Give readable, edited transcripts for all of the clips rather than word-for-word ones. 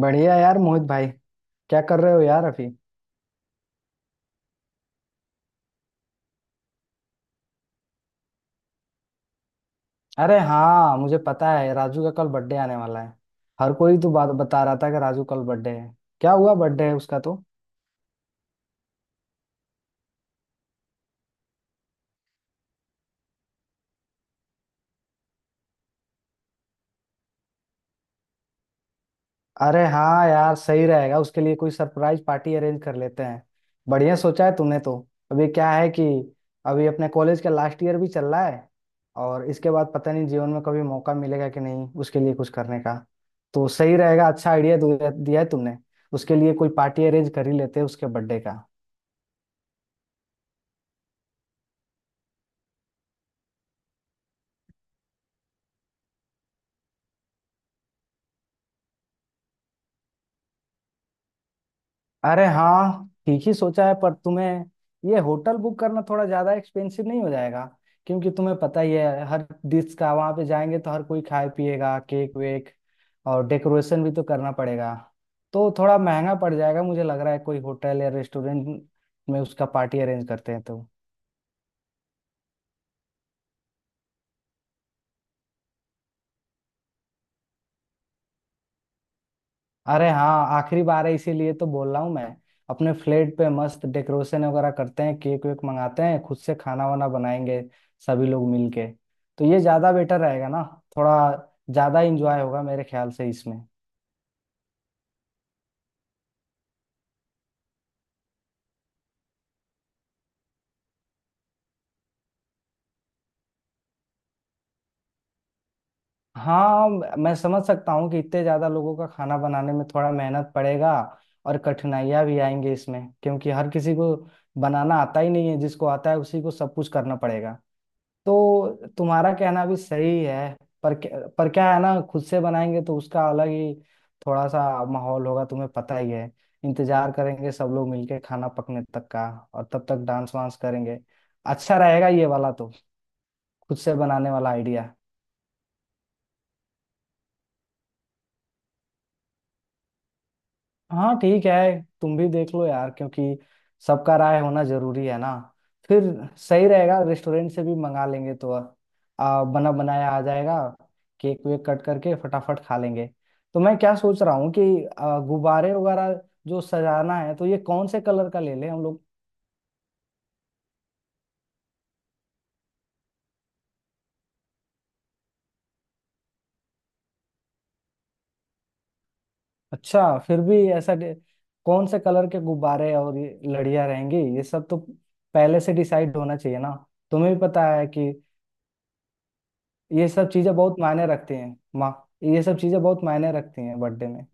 बढ़िया यार मोहित भाई। क्या कर रहे हो यार अभी? अरे हाँ मुझे पता है राजू का कल बर्थडे आने वाला है। हर कोई तो बात बता रहा था कि राजू कल बर्थडे है। क्या हुआ बर्थडे है उसका तो। अरे हाँ यार सही रहेगा उसके लिए कोई सरप्राइज पार्टी अरेंज कर लेते हैं। बढ़िया सोचा है तूने तो। अभी क्या है कि अभी अपने कॉलेज का लास्ट ईयर भी चल रहा है और इसके बाद पता नहीं जीवन में कभी मौका मिलेगा कि नहीं उसके लिए कुछ करने का। तो सही रहेगा, अच्छा आइडिया दिया दिया है तुमने। उसके लिए कोई पार्टी अरेंज कर ही लेते हैं उसके बर्थडे का। अरे हाँ ठीक ही सोचा है, पर तुम्हें ये होटल बुक करना थोड़ा ज्यादा एक्सपेंसिव नहीं हो जाएगा? क्योंकि तुम्हें पता ही है हर डिश का वहां पे जाएंगे तो हर कोई खाए पिएगा केक वेक, और डेकोरेशन भी तो करना पड़ेगा। तो थोड़ा महंगा पड़ जाएगा मुझे लग रहा है, कोई होटल या रेस्टोरेंट में उसका पार्टी अरेंज करते हैं तो। अरे हाँ आखिरी बार है इसीलिए तो बोल रहा हूँ मैं। अपने फ्लेट पे मस्त डेकोरेशन वगैरह करते हैं, केक वेक मंगाते हैं, खुद से खाना वाना बनाएंगे सभी लोग मिलके। तो ये ज्यादा बेटर रहेगा ना? थोड़ा ज्यादा इंजॉय होगा मेरे ख्याल से इसमें। हाँ, मैं समझ सकता हूँ कि इतने ज्यादा लोगों का खाना बनाने में थोड़ा मेहनत पड़ेगा और कठिनाइयाँ भी आएंगी इसमें, क्योंकि हर किसी को बनाना आता ही नहीं है, जिसको आता है उसी को सब कुछ करना पड़ेगा। तो तुम्हारा कहना भी सही है। पर क्या है ना, खुद से बनाएंगे तो उसका अलग ही थोड़ा सा माहौल होगा। तुम्हें पता ही है, इंतजार करेंगे सब लोग मिलके खाना पकने तक का, और तब तक डांस वांस करेंगे। अच्छा रहेगा ये वाला तो, खुद से बनाने वाला आइडिया। हाँ ठीक है तुम भी देख लो यार, क्योंकि सबका राय होना जरूरी है ना। फिर सही रहेगा, रेस्टोरेंट से भी मंगा लेंगे तो बना बनाया आ जाएगा। केक वेक कट करके फटाफट खा लेंगे। तो मैं क्या सोच रहा हूँ कि गुब्बारे वगैरह जो सजाना है तो ये कौन से कलर का ले लें हम लोग? अच्छा फिर भी ऐसा कौन से कलर के गुब्बारे और ये लड़ियाँ रहेंगी ये सब तो पहले से डिसाइड होना चाहिए ना। तुम्हें भी पता है कि ये सब चीजें बहुत मायने रखती हैं माँ। ये सब चीजें बहुत मायने रखती हैं बर्थडे में।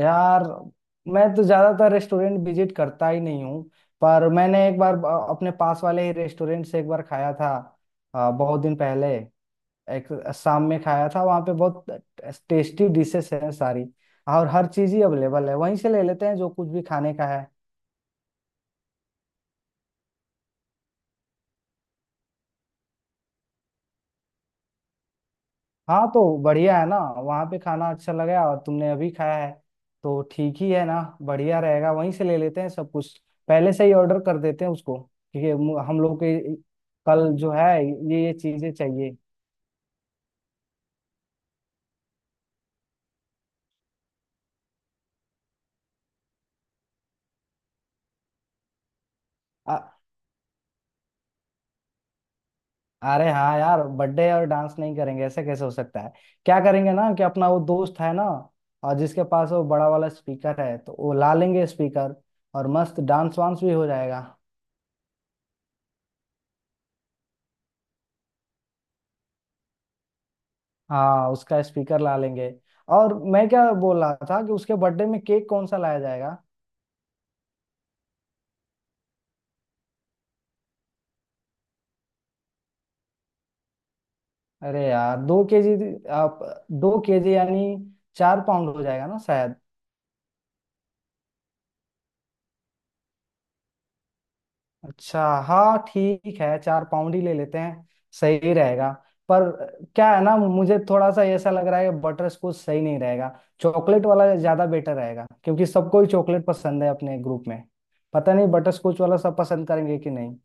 यार मैं तो ज्यादातर रेस्टोरेंट विजिट करता ही नहीं हूँ। पर मैंने एक बार अपने पास वाले ही रेस्टोरेंट से एक बार खाया था, बहुत दिन पहले, एक शाम में खाया था वहाँ पे। बहुत टेस्टी डिशेस हैं सारी, और हर चीज ही अवेलेबल है, वहीं से ले लेते हैं जो कुछ भी खाने का है। हाँ तो बढ़िया है ना, वहाँ पे खाना अच्छा लगा और तुमने अभी खाया है तो ठीक ही है ना, बढ़िया रहेगा वहीं से ले लेते हैं सब कुछ। पहले से ही ऑर्डर कर देते हैं उसको, क्योंकि हम लोग के कल जो है ये चीजें चाहिए। आ, अरे हाँ यार बर्थडे और डांस नहीं करेंगे ऐसा कैसे हो सकता है? क्या करेंगे ना कि अपना वो दोस्त है ना, और जिसके पास वो बड़ा वाला स्पीकर है तो वो ला लेंगे स्पीकर, और मस्त डांस वांस भी हो जाएगा। हाँ उसका स्पीकर ला लेंगे। और मैं क्या बोल रहा था कि उसके बर्थडे में केक कौन सा लाया जाएगा? अरे यार 2 केजी? आप 2 केजी यानी 4 पाउंड हो जाएगा ना शायद। अच्छा, हाँ ठीक है 4 पाउंड ही ले लेते हैं। सही रहेगा। पर क्या है ना, मुझे थोड़ा सा ऐसा लग रहा है कि बटर स्कॉच सही नहीं रहेगा। चॉकलेट वाला ज्यादा बेटर रहेगा, क्योंकि सबको ही चॉकलेट पसंद है अपने ग्रुप में। पता नहीं बटर स्कॉच वाला सब पसंद करेंगे कि नहीं।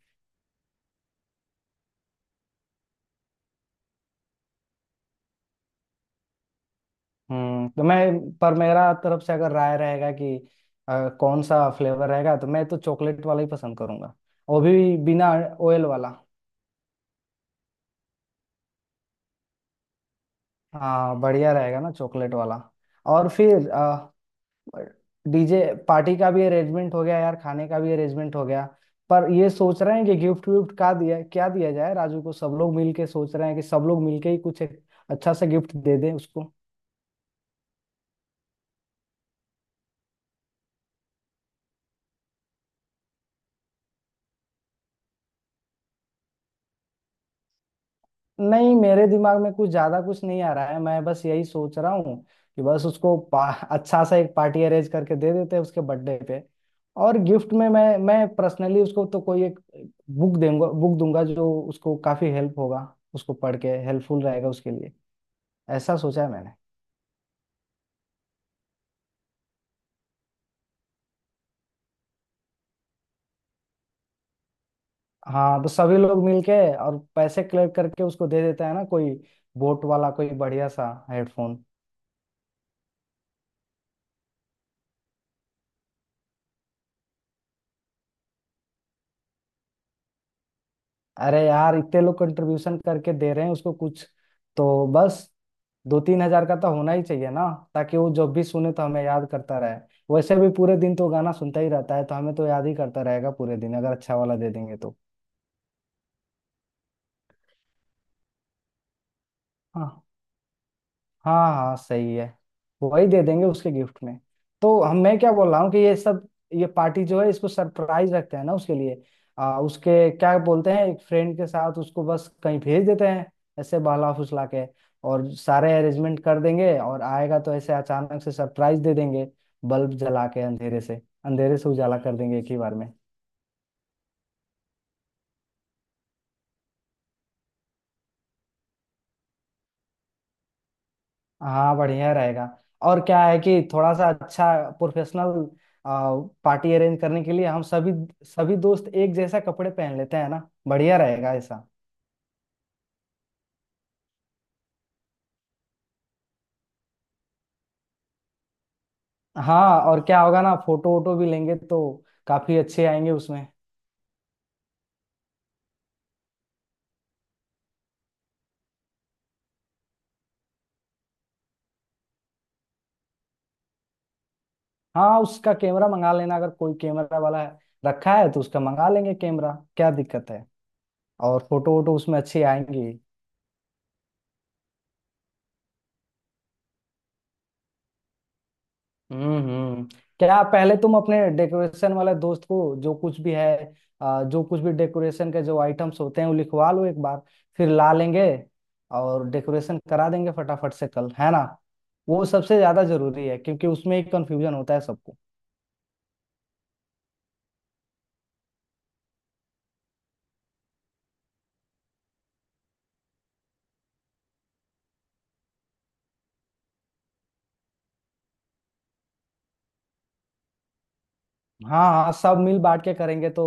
तो मैं पर मेरा तरफ से अगर राय रहेगा कि कौन सा फ्लेवर रहेगा तो मैं तो चॉकलेट वाला ही पसंद करूंगा, वो भी बिना ऑयल वाला। हाँ बढ़िया रहेगा ना चॉकलेट वाला। और फिर डीजे पार्टी का भी अरेंजमेंट हो गया यार, खाने का भी अरेंजमेंट हो गया। पर ये सोच रहे हैं कि गिफ्ट विफ्ट का दिया क्या दिया जाए राजू को, सब लोग मिल के सोच रहे हैं कि सब लोग मिल के ही कुछ एक अच्छा सा गिफ्ट दे दें उसको। नहीं, मेरे दिमाग में कुछ ज्यादा कुछ नहीं आ रहा है, मैं बस यही सोच रहा हूँ कि बस उसको अच्छा सा एक पार्टी अरेंज करके दे देते हैं उसके बर्थडे पे। और गिफ्ट में मैं पर्सनली उसको तो कोई एक बुक दूंगा जो उसको काफी हेल्प होगा, उसको पढ़ के हेल्पफुल रहेगा उसके लिए। ऐसा सोचा है मैंने। हाँ तो सभी लोग मिलके और पैसे कलेक्ट करके उसको दे देता है ना कोई बोट वाला कोई बढ़िया सा हेडफोन। अरे यार इतने लोग कंट्रीब्यूशन करके दे रहे हैं उसको कुछ तो बस, दो तीन हजार का तो होना ही चाहिए ना। ताकि वो जब भी सुने तो हमें याद करता रहे। वैसे भी पूरे दिन तो गाना सुनता ही रहता है, तो हमें तो याद ही करता रहेगा पूरे दिन अगर अच्छा वाला दे देंगे तो। हाँ। हाँ हाँ सही है। वही दे देंगे उसके गिफ्ट में। तो हम मैं क्या बोल रहा हूँ कि ये सब, ये पार्टी जो है इसको सरप्राइज रखते हैं ना उसके लिए। उसके क्या बोलते हैं, एक फ्रेंड के साथ उसको बस कहीं भेज देते हैं ऐसे बहला फुसला के, और सारे अरेंजमेंट कर देंगे, और आएगा तो ऐसे अचानक से सरप्राइज दे देंगे। बल्ब जला के अंधेरे से उजाला कर देंगे एक ही बार में। हाँ बढ़िया रहेगा। और क्या है कि थोड़ा सा अच्छा प्रोफेशनल पार्टी अरेंज करने के लिए हम सभी सभी दोस्त एक जैसा कपड़े पहन लेते हैं ना। बढ़िया रहेगा ऐसा। हाँ और क्या होगा ना, फोटो वोटो भी लेंगे तो काफी अच्छे आएंगे उसमें। हाँ उसका कैमरा मंगा लेना, अगर कोई कैमरा वाला है रखा है तो उसका मंगा लेंगे कैमरा, क्या दिक्कत है। और फोटो वोटो उसमें अच्छी आएंगी। हम्म हम्म। क्या पहले तुम अपने डेकोरेशन वाले दोस्त को जो कुछ भी है, जो कुछ भी डेकोरेशन के जो आइटम्स होते हैं वो लिखवा लो एक बार। फिर ला लेंगे और डेकोरेशन करा देंगे फटाफट से, कल है ना। वो सबसे ज्यादा जरूरी है क्योंकि उसमें ही कंफ्यूजन होता है सबको। हाँ हाँ, सब मिल बांट के करेंगे तो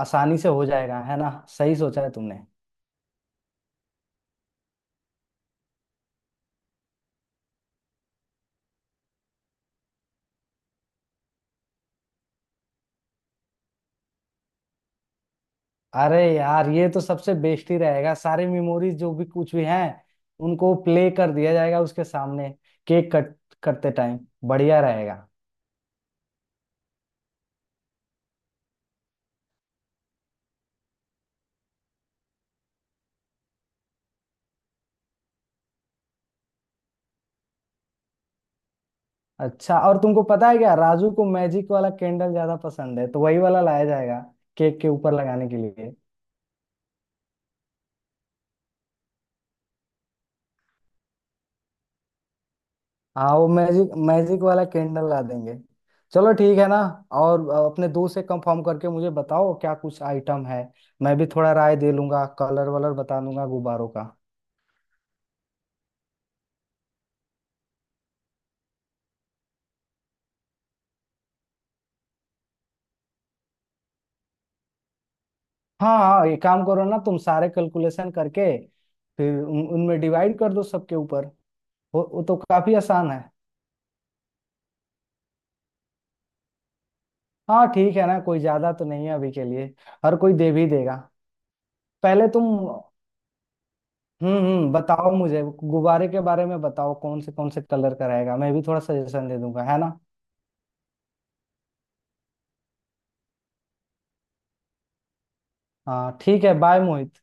आसानी से हो जाएगा है ना। सही सोचा है तुमने। अरे यार ये तो सबसे बेस्ट ही रहेगा, सारे मेमोरीज जो भी कुछ भी हैं उनको प्ले कर दिया जाएगा उसके सामने, केक कट करते टाइम। बढ़िया रहेगा। अच्छा, और तुमको पता है क्या, राजू को मैजिक वाला कैंडल ज्यादा पसंद है तो वही वाला लाया जाएगा केक के ऊपर लगाने के लिए। हाँ वो मैजिक मैजिक वाला कैंडल ला देंगे। चलो ठीक है ना। और अपने दोस्त से कंफर्म करके मुझे बताओ क्या कुछ आइटम है, मैं भी थोड़ा राय दे लूंगा, कलर वलर बता दूंगा गुब्बारों का। हाँ हाँ, ये काम करो ना तुम, सारे कैलकुलेशन करके फिर उनमें डिवाइड कर दो सबके ऊपर। वो तो काफी आसान है। हाँ ठीक है ना, कोई ज्यादा तो नहीं है अभी के लिए। हर कोई दे भी देगा। पहले तुम। हम्म, बताओ मुझे गुब्बारे के बारे में, बताओ कौन से कलर का रहेगा, मैं भी थोड़ा सजेशन दे दूंगा है ना। हाँ ठीक है, बाय मोहित।